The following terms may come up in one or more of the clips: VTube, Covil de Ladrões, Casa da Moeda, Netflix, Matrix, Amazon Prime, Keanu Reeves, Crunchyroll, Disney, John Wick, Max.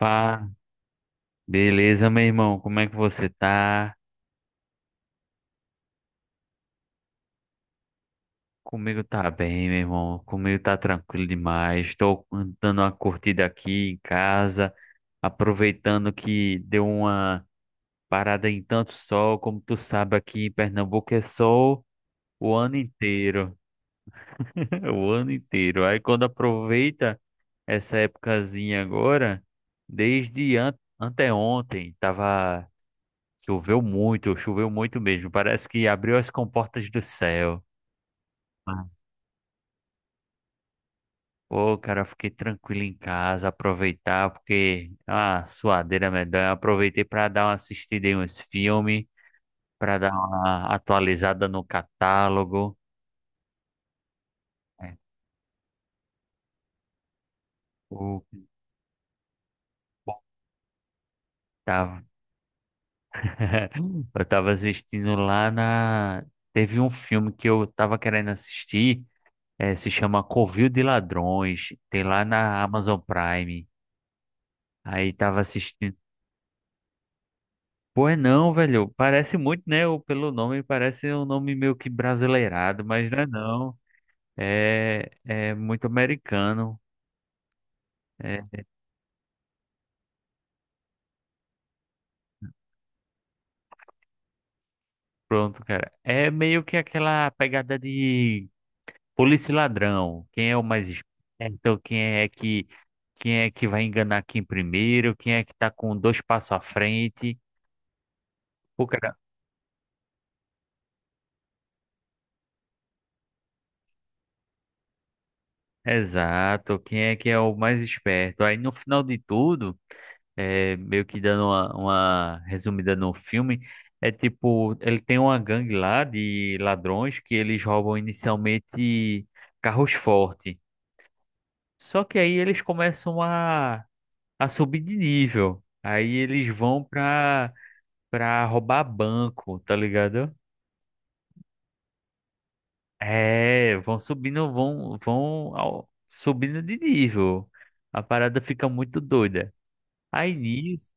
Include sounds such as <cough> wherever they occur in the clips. Pá, beleza, meu irmão? Como é que você tá? Comigo tá bem, meu irmão. Comigo tá tranquilo demais. Estou dando uma curtida aqui em casa, aproveitando que deu uma parada em tanto sol. Como tu sabe, aqui em Pernambuco é sol o ano inteiro. <laughs> O ano inteiro. Aí quando aproveita essa épocazinha agora, desde an anteontem, tava. Choveu muito mesmo. Parece que abriu as comportas do céu. Ah, Ô, cara, eu fiquei tranquilo em casa, aproveitar, porque a suadeira medonha. Aproveitei para dar uma assistida em uns filmes, para dar uma atualizada no catálogo. É, o tava. <laughs> Eu tava assistindo lá na. Teve um filme que eu tava querendo assistir, se chama Covil de Ladrões, tem lá na Amazon Prime. Aí tava assistindo. Pois não, velho. Parece muito, né? Pelo nome, parece um nome meio que brasileirado, mas não é não. É, é muito americano. É, pronto, cara. É meio que aquela pegada de polícia e ladrão. Quem é o mais esperto? Quem é que vai enganar quem primeiro? Quem é que tá com dois passos à frente? Exato, quem é que é o mais esperto? Aí no final de tudo, é, meio que dando uma resumida no filme, é tipo, ele tem uma gangue lá de ladrões que eles roubam inicialmente carros fortes. Só que aí eles começam a subir de nível. Aí eles vão pra roubar banco, tá ligado? É, vão subindo, subindo de nível. A parada fica muito doida. Aí nisso,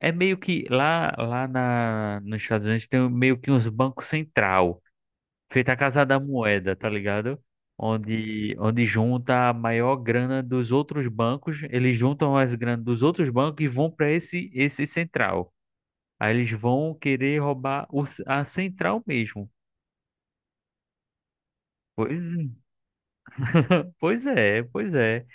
é meio que nos Estados Unidos tem meio que uns bancos central, feita a Casa da Moeda, tá ligado? Onde junta a maior grana dos outros bancos, eles juntam as grana dos outros bancos e vão para esse central. Aí eles vão querer roubar o a central mesmo. Pois, <laughs> pois é, pois é.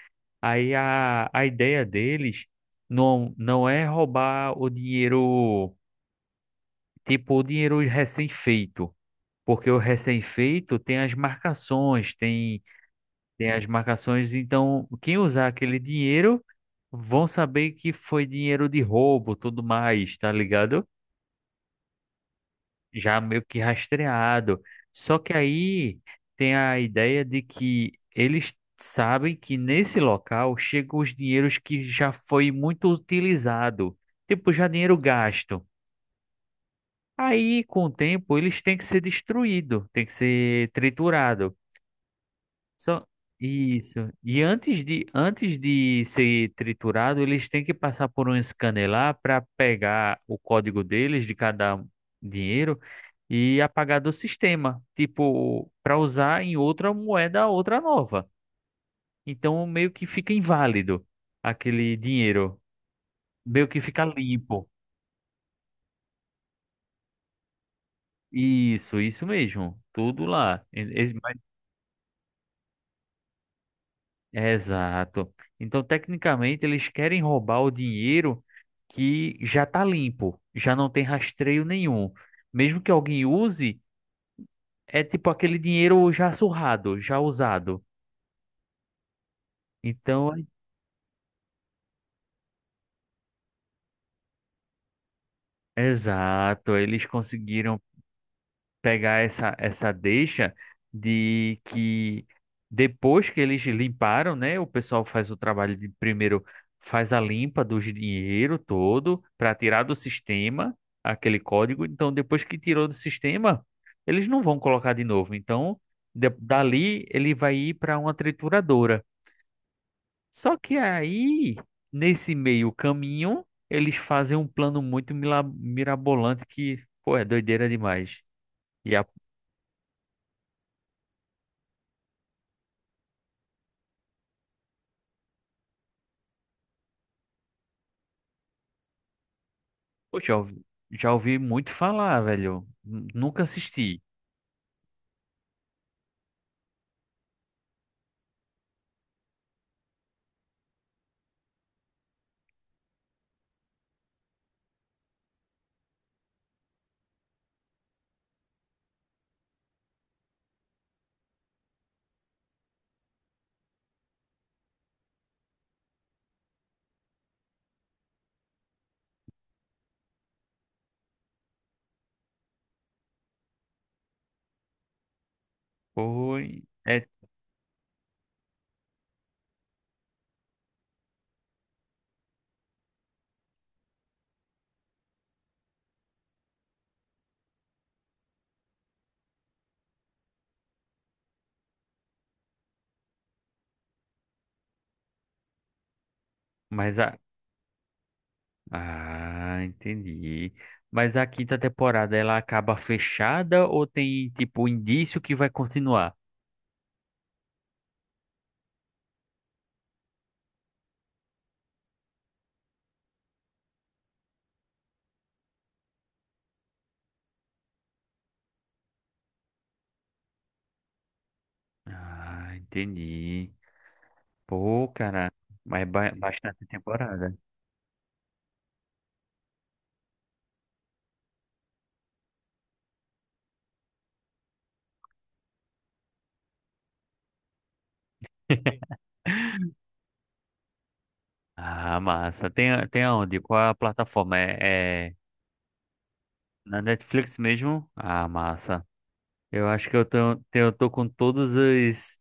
Aí a ideia deles não é roubar o dinheiro. Tipo, o dinheiro recém-feito. Porque o recém-feito tem as marcações, tem, tem as marcações. Então, quem usar aquele dinheiro vão saber que foi dinheiro de roubo, tudo mais, tá ligado? Já meio que rastreado. Só que aí tem a ideia de que eles sabem que nesse local chegam os dinheiros que já foi muito utilizado. Tipo, já dinheiro gasto. Aí, com o tempo, eles têm que ser destruídos, têm que ser triturados. Só isso. E antes de ser triturado, eles têm que passar por um scanner lá para pegar o código deles de cada dinheiro e apagar do sistema, tipo, para usar em outra moeda, outra nova. Então, meio que fica inválido aquele dinheiro, meio que fica limpo. Isso mesmo. Tudo lá. Exato. Então, tecnicamente, eles querem roubar o dinheiro que já está limpo, já não tem rastreio nenhum. Mesmo que alguém use, é tipo aquele dinheiro já surrado, já usado. Então, é, exato, eles conseguiram pegar essa deixa de que depois que eles limparam, né, o pessoal faz o trabalho de primeiro faz a limpa do dinheiro todo para tirar do sistema aquele código. Então, depois que tirou do sistema, eles não vão colocar de novo. Então, dali ele vai ir para uma trituradora. Só que aí, nesse meio caminho, eles fazem um plano muito mirabolante que, pô, é doideira demais. E a Pô, já ouvi muito falar, velho. Nunca assisti. Foi. É, mas a. Ah, entendi. Mas a quinta temporada ela acaba fechada ou tem, tipo, indício que vai continuar? Ah, entendi. Pô, cara. Mas bastante temporada. <laughs> Ah, massa. Tem, tem aonde? Qual a plataforma? É na Netflix mesmo? Ah, massa. Eu acho que eu tô com todas as.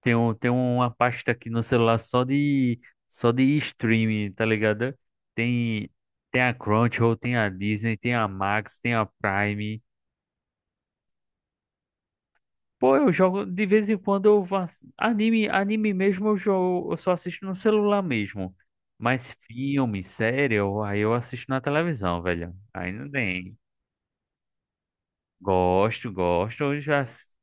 Tem, um, tem uma pasta aqui no celular só de streaming, tá ligado? Tem, tem a Crunchyroll, tem a Disney, tem a Max, tem a Prime. Pô, eu jogo de vez em quando eu faço anime, anime mesmo eu jogo, eu só assisto no celular mesmo. Mas filme, série, aí eu assisto na televisão, velho. Aí não tem. Gosto, gosto,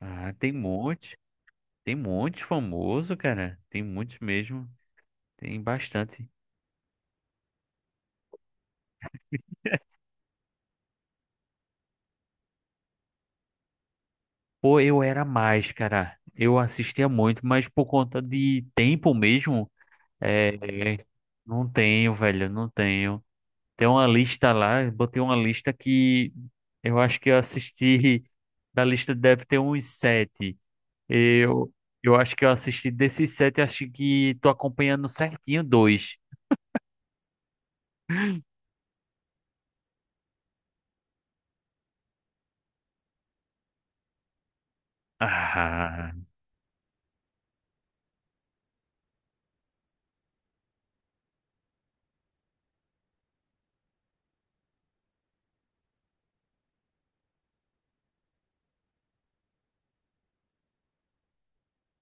Ah, tem muitos famoso, cara. Tem muitos mesmo. Tem bastante. Pô, eu era mais, cara. Eu assistia muito, mas por conta de tempo mesmo, é, não tenho, velho, não tenho. Tem uma lista lá, eu botei uma lista que eu acho que eu assisti, da lista deve ter uns sete. Eu, eu acho que eu assisti desses sete, acho que tô acompanhando certinho dois. Ah,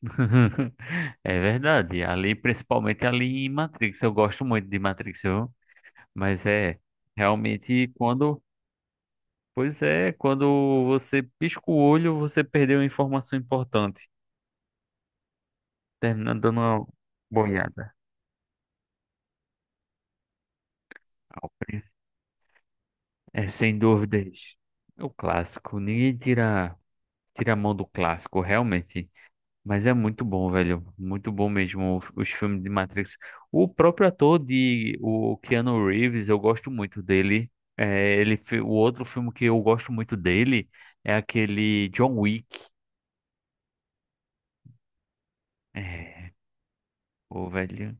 <laughs> é verdade. Ali, principalmente ali em Matrix, eu gosto muito de Matrix, viu? Mas é, realmente quando, pois é, quando você pisca o olho, você perdeu uma informação importante, terminando dando uma boiada. ao pri- É sem dúvidas. É o clássico, ninguém tira a mão do clássico, realmente. Mas é muito bom, velho, muito bom mesmo os filmes de Matrix. O próprio ator de o Keanu Reeves, eu gosto muito dele. É, o outro filme que eu gosto muito dele é aquele John Wick. É. Ô, velho.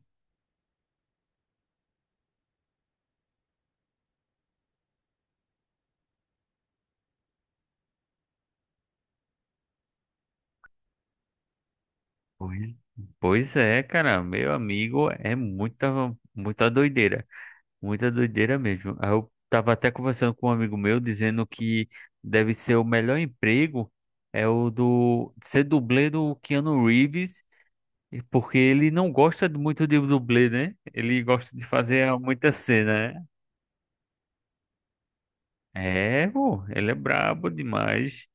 Pois pois é, cara, meu amigo, é muita, muita doideira. Muita doideira mesmo. Aí eu tava até conversando com um amigo meu dizendo que deve ser o melhor emprego é o do ser dublê do Keanu Reeves, e porque ele não gosta muito de dublê, né? Ele gosta de fazer muita cena, né? É, pô, ele é brabo demais.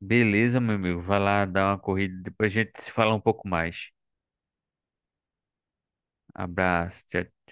Beleza, meu amigo, vai lá dar uma corrida, depois a gente se fala um pouco mais. Abraço, tchau.